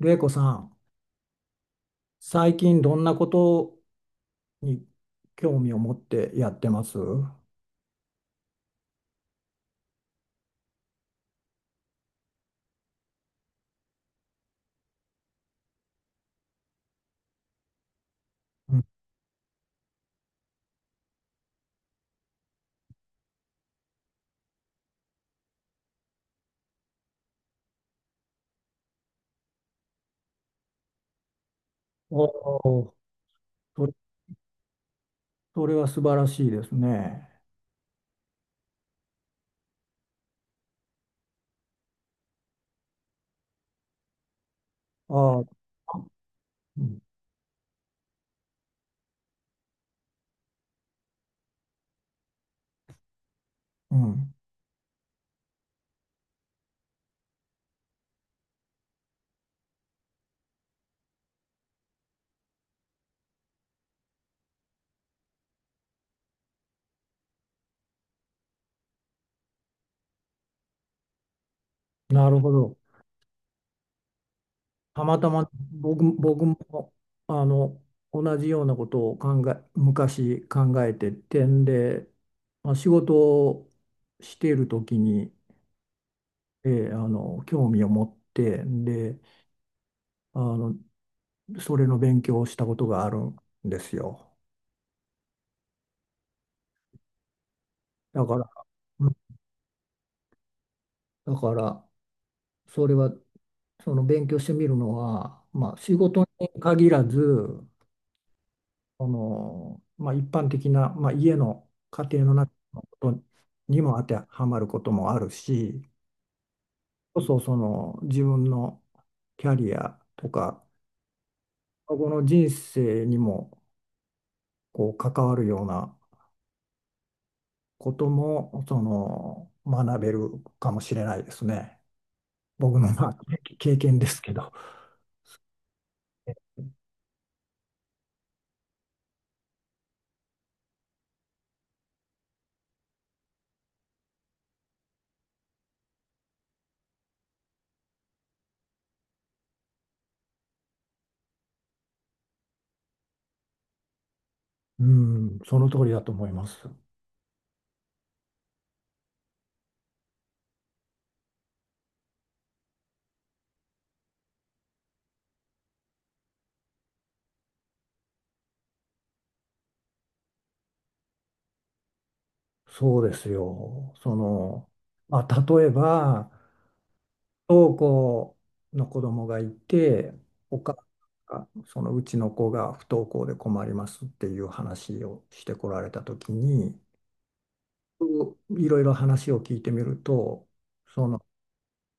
れいこさん、最近どんなことに興味を持ってやってますう？ん。おお、そそれは素晴らしいですね。ああ、うん、うん、なるほど。たまたま僕もあの同じようなことを昔考えててんで、まあ、仕事をしている時に、興味を持って、であのそれの勉強をしたことがあるんですよ。だから、うんだから、それは、その勉強してみるのは、まあ、仕事に限らず、まあ、一般的な、まあ、家庭の中のことにも当てはまることもあるし、その自分のキャリアとか、この人生にもこう関わるようなことも、学べるかもしれないですね。僕の、まあ、経験ですけど。うん、その通りだと思います。そうですよ。まあ、例えば、不登校の子供がいて、お母さんが、そのうちの子が不登校で困りますっていう話をしてこられた時に、いろいろ話を聞いてみると、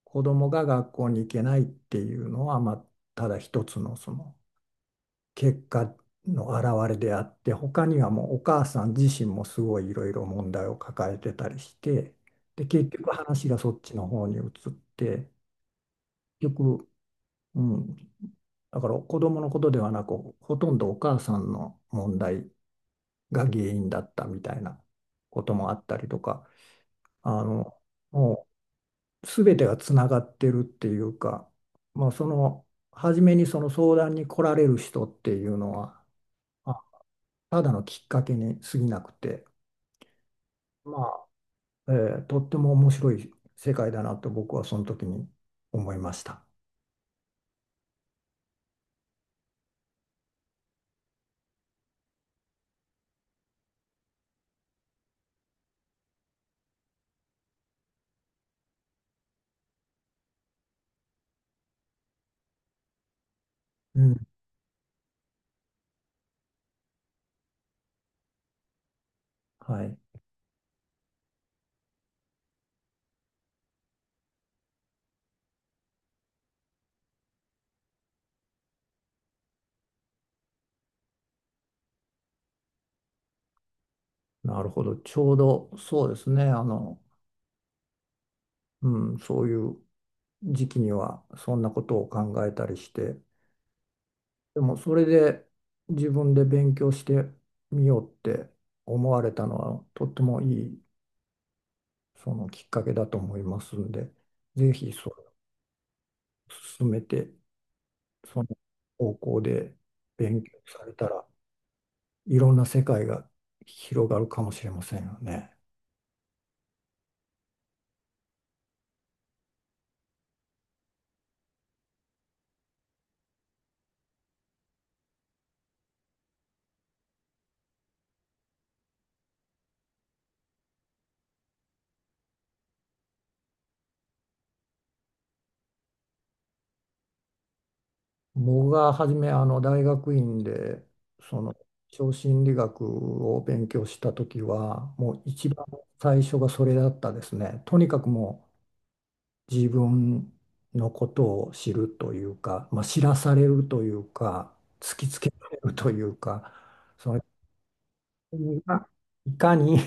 子供が学校に行けないっていうのは、まあ、ただ一つの結果の表れであって、他にはもうお母さん自身もすごいいろいろ問題を抱えてたりして、で結局話がそっちの方に移って、結局、うん、だから子供のことではなく、ほとんどお母さんの問題が原因だったみたいなこともあったりとか、あのもう全てがつながってるっていうか、まあ、初めにその相談に来られる人っていうのは、あただのきっかけに過ぎなくて、まあ、えとっても面白い世界だなと僕はその時に思いました。うん。はい。なるほど。ちょうどそうですね。そういう時期にはそんなことを考えたりして、でもそれで自分で勉強してみようって思われたのはとってもいいそのきっかけだと思いますんで、ぜひそれを進めて、その方向で勉強されたら、いろんな世界が広がるかもしれませんよね。僕が初め大学院でその超心理学を勉強した時はもう一番最初がそれだったですね。とにかくもう自分のことを知るというか、まあ、知らされるというか突きつけられるというか、その自分がいかに、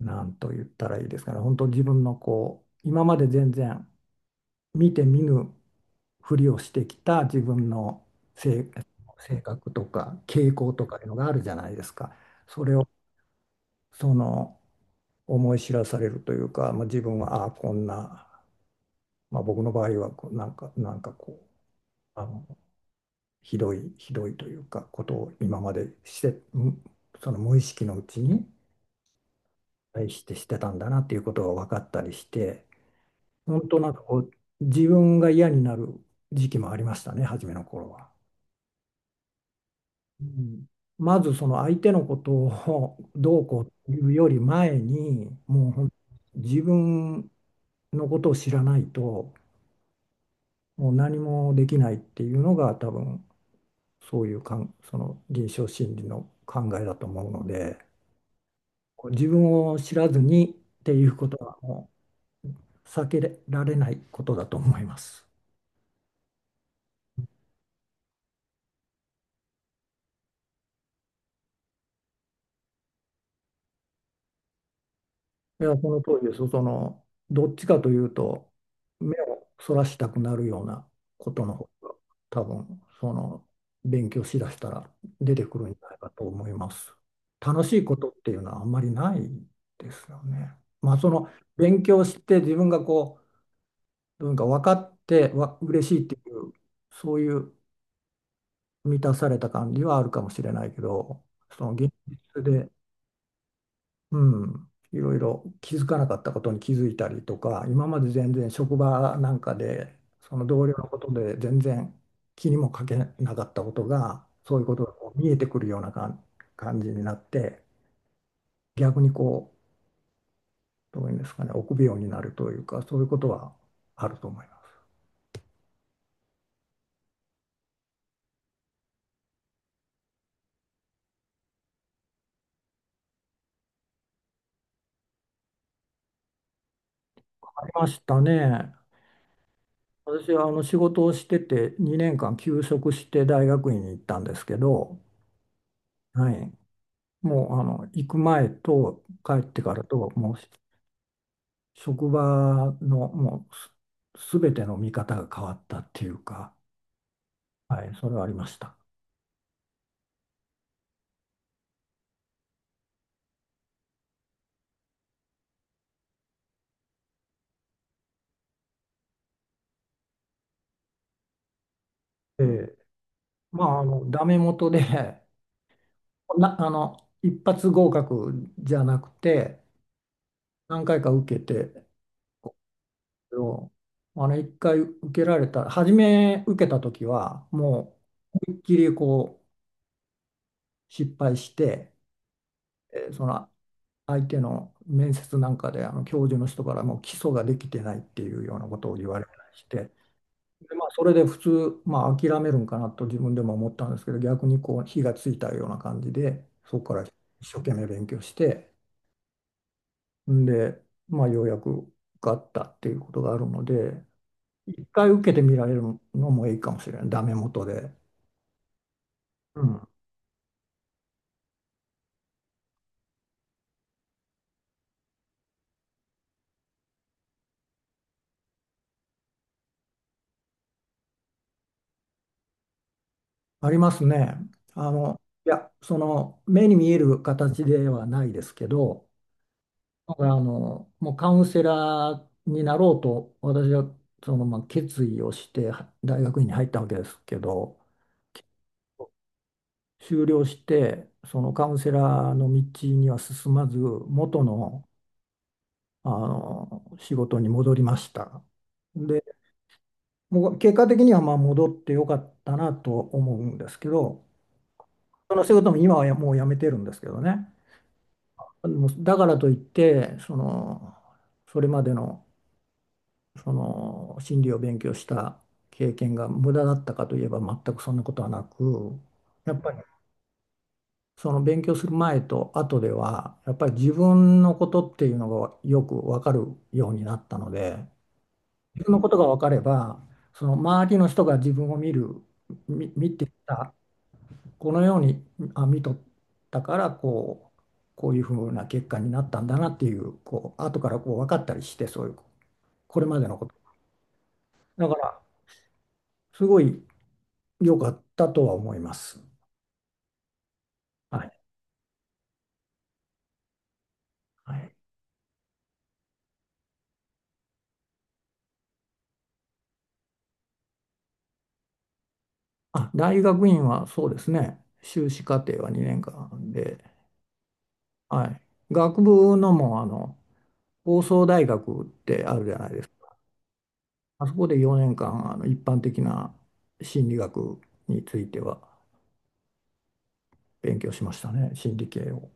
なんと言ったらいいですかね、本当自分のこう、今まで全然見て見ぬふりをしてきた自分の性、性格とか傾向とかいうのがあるじゃないですか。それをその思い知らされるというか、まあ、自分はああこんな、まあ、僕の場合はこうなんか、うあのひどいひどいというかことを今までして、その無意識のうちに対してしてたんだなっていうことが分かったりして。本当なんかこう、自分が嫌になる時期もありましたね、初めの頃は。うん、まずその相手のことをどうこうというより前に、もう自分のことを知らないと、もう何もできないっていうのが多分、そういうかん、その臨床心理の考えだと思うので、こう自分を知らずにっていうことはもう避けられないことだと思います。いや、その通りです。どっちかというと、目をそらしたくなるようなことの方が、多分、勉強しだしたら出てくるんじゃないかと思います。楽しいことっていうのはあんまりないですよね。まあ、勉強して自分がこう、どうにか分かって、嬉しいっていう、そういう満たされた感じはあるかもしれないけど、その現実でういろいろ気づかなかったことに気づいたりとか、今まで全然職場なんかで、その同僚のことで全然気にもかけなかったことが、そういうことがこう見えてくるような感じになって、逆にこう、どういうんですかね、臆病になるというか、そういうことはあると思います。ありましたね。私は仕事をしてて2年間休職して大学院に行ったんですけど、はい、もう行く前と帰ってからと、もう職場のもうす全ての見方が変わったっていうか、はい、それはありました。ええ。まあ、ダメ元で、な、あの、一発合格じゃなくて、何回か受けて、けど一回受けられた、初め受けた時は、もう、思いっきりこう、失敗して、えーその、相手の面接なんかで、教授の人からもう基礎ができてないっていうようなことを言われたりして、で、まあ、それで普通、まあ、諦めるんかなと自分でも思ったんですけど、逆にこう火がついたような感じで、そこから一生懸命勉強して、んで、まあ、ようやく受かったっていうことがあるので、一回受けてみられるのもいいかもしれない、ダメ元で。うん、ありますね。あの、いや、その目に見える形ではないですけど、なんからあの、もうカウンセラーになろうと、私はまあ決意をしては大学院に入ったわけですけど、修了して、そのカウンセラーの道には進まず、元の、あの仕事に戻りました。で、もう結果的にはまあ戻ってよかったなと思うんですけど、その仕事も今はもうやめてるんですけどね。もうだからといって、それまでのその心理を勉強した経験が無駄だったかといえば全くそんなことはなく、やっぱり勉強する前と後では、やっぱり自分のことっていうのがよくわかるようになったので、自分のことがわかれば、その周りの人が自分を見る、み見てた、このように見とったから、こう、こういうふうな結果になったんだなっていう、こう後からこう分かったりして、そういうこれまでのこと。だからすごい良かったとは思います。はい。はい。あ、大学院はそうですね。修士課程は2年間で、はい。学部のも、放送大学ってあるじゃないですか。あそこで4年間、一般的な心理学については勉強しましたね。心理系を。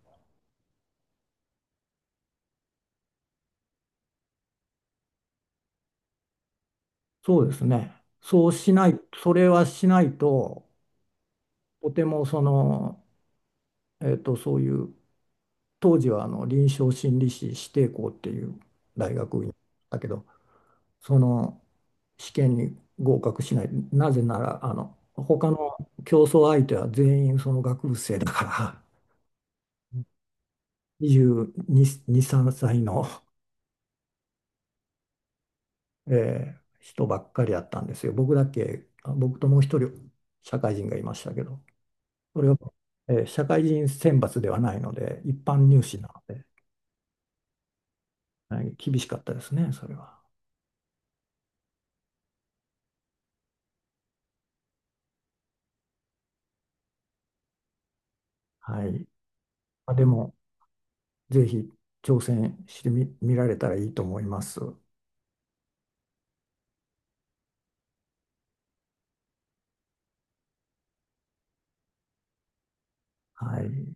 そうですね。そうしない、それはしないと、とてもその、えっと、そういう、当時は臨床心理士指定校っていう大学院だけど、その試験に合格しない。なぜなら、他の競争相手は全員その学部生だから、22、3歳の、人ばっかりだったんですよ。僕だけ、あ僕ともう一人社会人がいましたけど、それは、社会人選抜ではないので、一般入試なので、はい、厳しかったですね、それは。はい。まあ、でも、ぜひ挑戦してみ、見られたらいいと思います。はい。